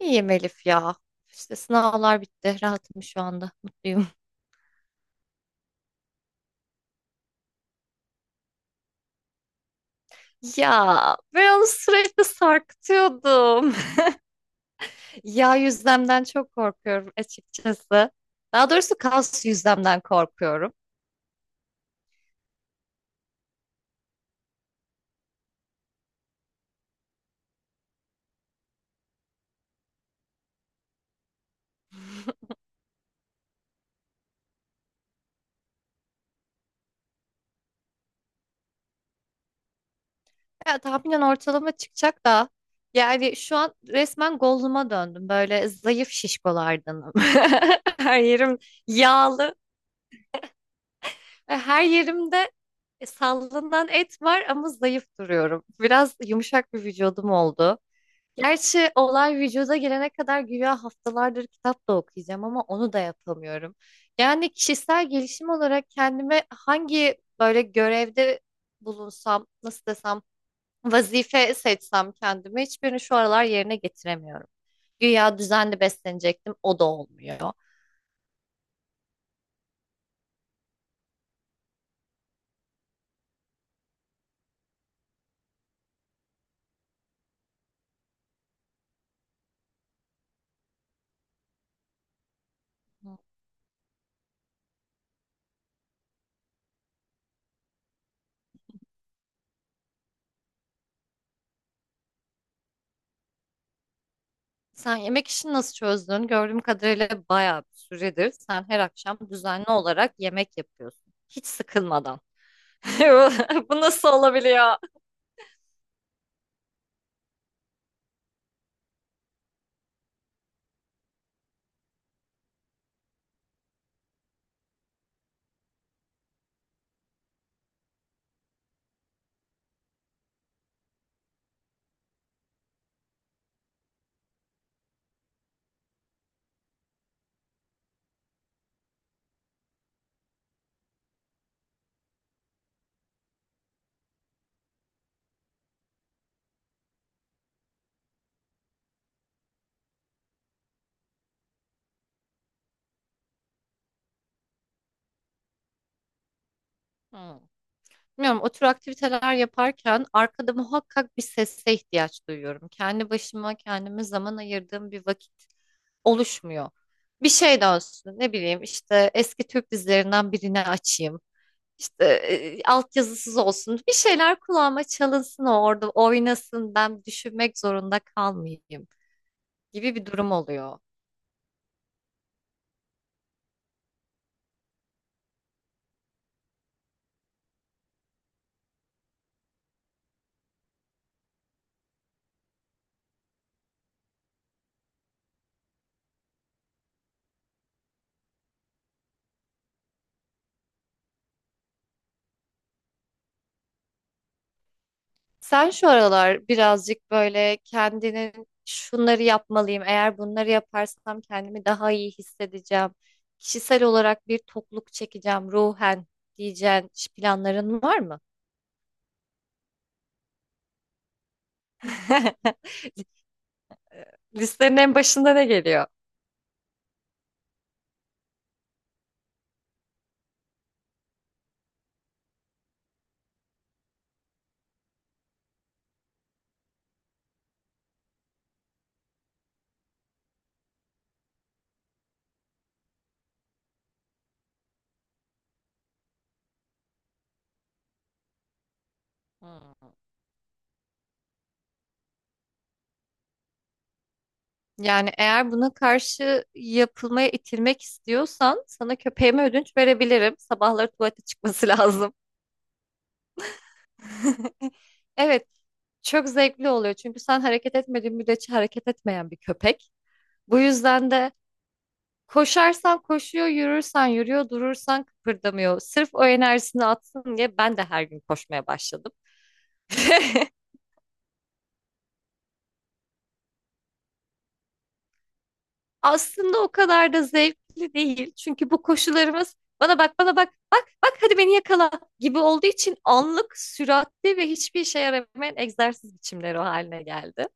İyiyim Elif ya. İşte sınavlar bitti. Rahatım şu anda. Mutluyum. Ya ben onu sürekli sarkıtıyordum. Yağ yüzlemden çok korkuyorum açıkçası. Daha doğrusu kas yüzlemden korkuyorum. Ya tahminen ortalama çıkacak da, yani şu an resmen Gollum'a döndüm. Böyle zayıf şişkolardanım. Her yerim yağlı ve her yerimde sallanan et var ama zayıf duruyorum. Biraz yumuşak bir vücudum oldu. Gerçi olay vücuda gelene kadar güya haftalardır kitap da okuyacağım ama onu da yapamıyorum. Yani kişisel gelişim olarak kendime hangi böyle görevde bulunsam, nasıl desem, vazife seçsem kendime hiçbirini şu aralar yerine getiremiyorum. Güya düzenli beslenecektim, o da olmuyor. Sen yemek işini nasıl çözdün? Gördüğüm kadarıyla bayağı bir süredir sen her akşam düzenli olarak yemek yapıyorsun. Hiç sıkılmadan. Bu nasıl olabiliyor? Hmm. Bilmiyorum, o tür aktiviteler yaparken arkada muhakkak bir sese ihtiyaç duyuyorum. Kendi başıma kendime zaman ayırdığım bir vakit oluşmuyor. Bir şey dönsün, ne bileyim, işte eski Türk dizilerinden birini açayım. İşte altyazısız olsun. Bir şeyler kulağıma çalınsın, o orada oynasın, ben düşünmek zorunda kalmayayım gibi bir durum oluyor. Sen şu aralar birazcık böyle kendinin şunları yapmalıyım, eğer bunları yaparsam kendimi daha iyi hissedeceğim, kişisel olarak bir tokluk çekeceğim ruhen diyeceğin planların var mı? Listenin en başında ne geliyor? Hmm. Yani eğer buna karşı yapılmaya itilmek istiyorsan sana köpeğime ödünç verebilirim. Sabahları tuvalete çıkması lazım. Evet, çok zevkli oluyor. Çünkü sen hareket etmediğin müddetçe hareket etmeyen bir köpek. Bu yüzden de koşarsan koşuyor, yürürsen yürüyor, durursan kıpırdamıyor. Sırf o enerjisini atsın diye ben de her gün koşmaya başladım. Aslında o kadar da zevkli değil. Çünkü bu koşularımız bana bak, bana bak, bak, bak, hadi beni yakala gibi olduğu için anlık, süratli ve hiçbir işe yaramayan egzersiz biçimleri o haline geldi.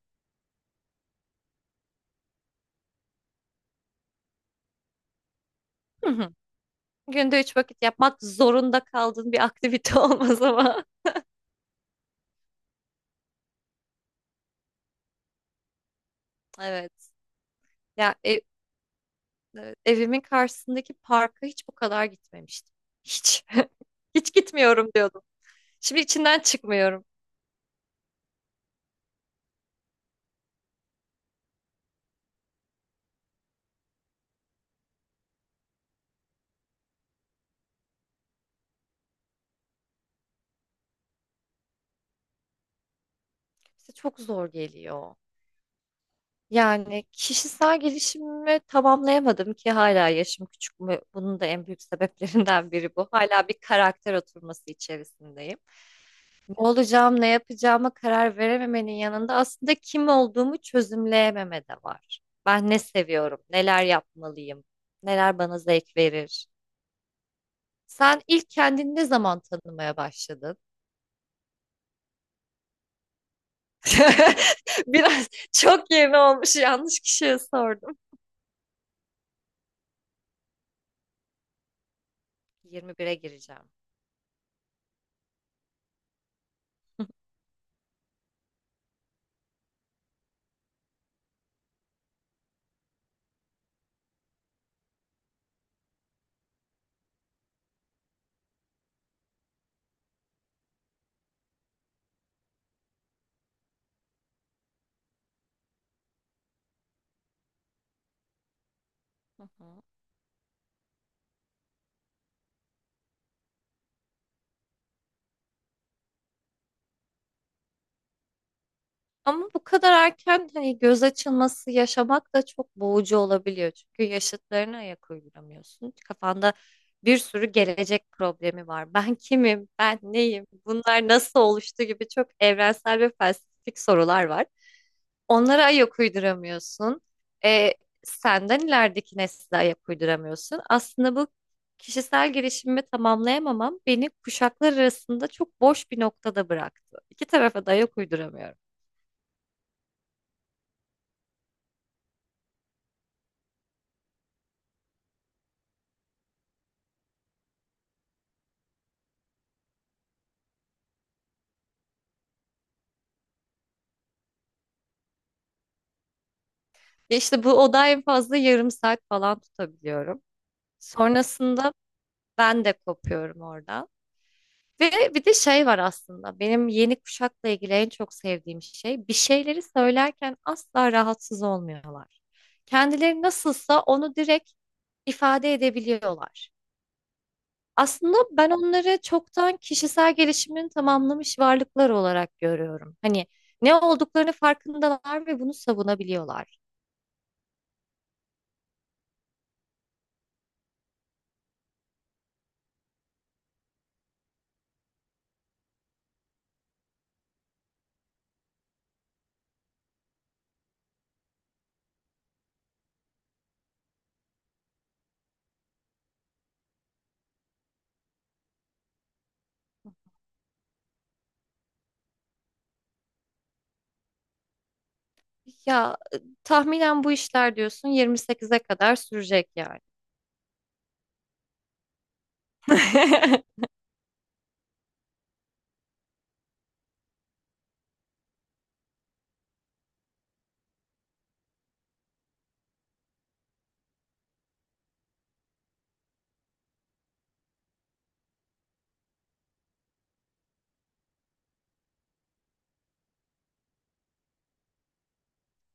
Hı hı. Günde üç vakit yapmak zorunda kaldığın bir aktivite olmaz ama. Evet. Ya ev- Evimin karşısındaki parka hiç bu kadar gitmemiştim. Hiç. Hiç gitmiyorum diyordum. Şimdi içinden çıkmıyorum. İşte çok zor geliyor. Yani kişisel gelişimimi tamamlayamadım ki hala, yaşım küçük mü? Bunun da en büyük sebeplerinden biri bu. Hala bir karakter oturması içerisindeyim. Ne olacağım, ne yapacağıma karar verememenin yanında aslında kim olduğumu çözümleyememe de var. Ben ne seviyorum, neler yapmalıyım, neler bana zevk verir. Sen ilk kendini ne zaman tanımaya başladın? Biraz çok yeni olmuş, yanlış kişiye sordum. 21'e gireceğim. Hı hı. Ama bu kadar erken hani göz açılması yaşamak da çok boğucu olabiliyor. Çünkü yaşıtlarına ayak uyduramıyorsun. Kafanda bir sürü gelecek problemi var. Ben kimim? Ben neyim? Bunlar nasıl oluştu gibi çok evrensel ve felsefik sorular var. Onlara ayak uyduramıyorsun. Ee, senden ilerideki nesle ayak uyduramıyorsun. Aslında bu kişisel gelişimimi tamamlayamamam beni kuşaklar arasında çok boş bir noktada bıraktı. İki tarafa da ayak uyduramıyorum. Ya İşte bu oda en fazla yarım saat falan tutabiliyorum. Sonrasında ben de kopuyorum oradan. Ve bir de şey var: aslında benim yeni kuşakla ilgili en çok sevdiğim şey, bir şeyleri söylerken asla rahatsız olmuyorlar. Kendileri nasılsa onu direkt ifade edebiliyorlar. Aslında ben onları çoktan kişisel gelişimini tamamlamış varlıklar olarak görüyorum. Hani ne olduklarını farkındalar ve bunu savunabiliyorlar. Ya tahminen bu işler diyorsun 28'e kadar sürecek yani.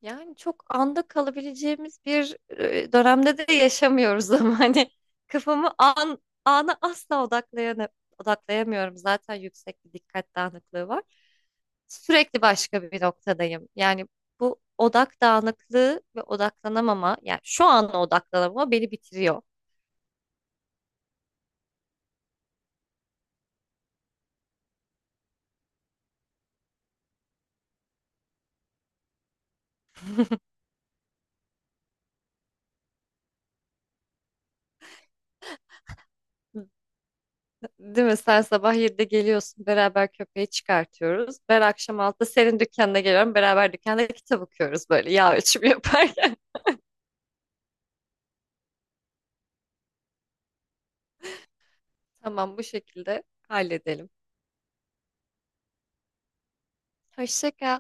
Yani çok anda kalabileceğimiz bir dönemde de yaşamıyoruz, ama hani kafamı ana asla odaklayamıyorum. Zaten yüksek bir dikkat dağınıklığı var. Sürekli başka bir noktadayım. Yani bu odak dağınıklığı ve odaklanamama, yani şu an odaklanamama beni bitiriyor. Değil mi? Sen sabah 7'de geliyorsun. Beraber köpeği çıkartıyoruz. Ben akşam 6'da senin dükkanına geliyorum. Beraber dükkanda kitap okuyoruz, böyle yağ ölçümü yaparken. Tamam, bu şekilde halledelim. Hoşça kal.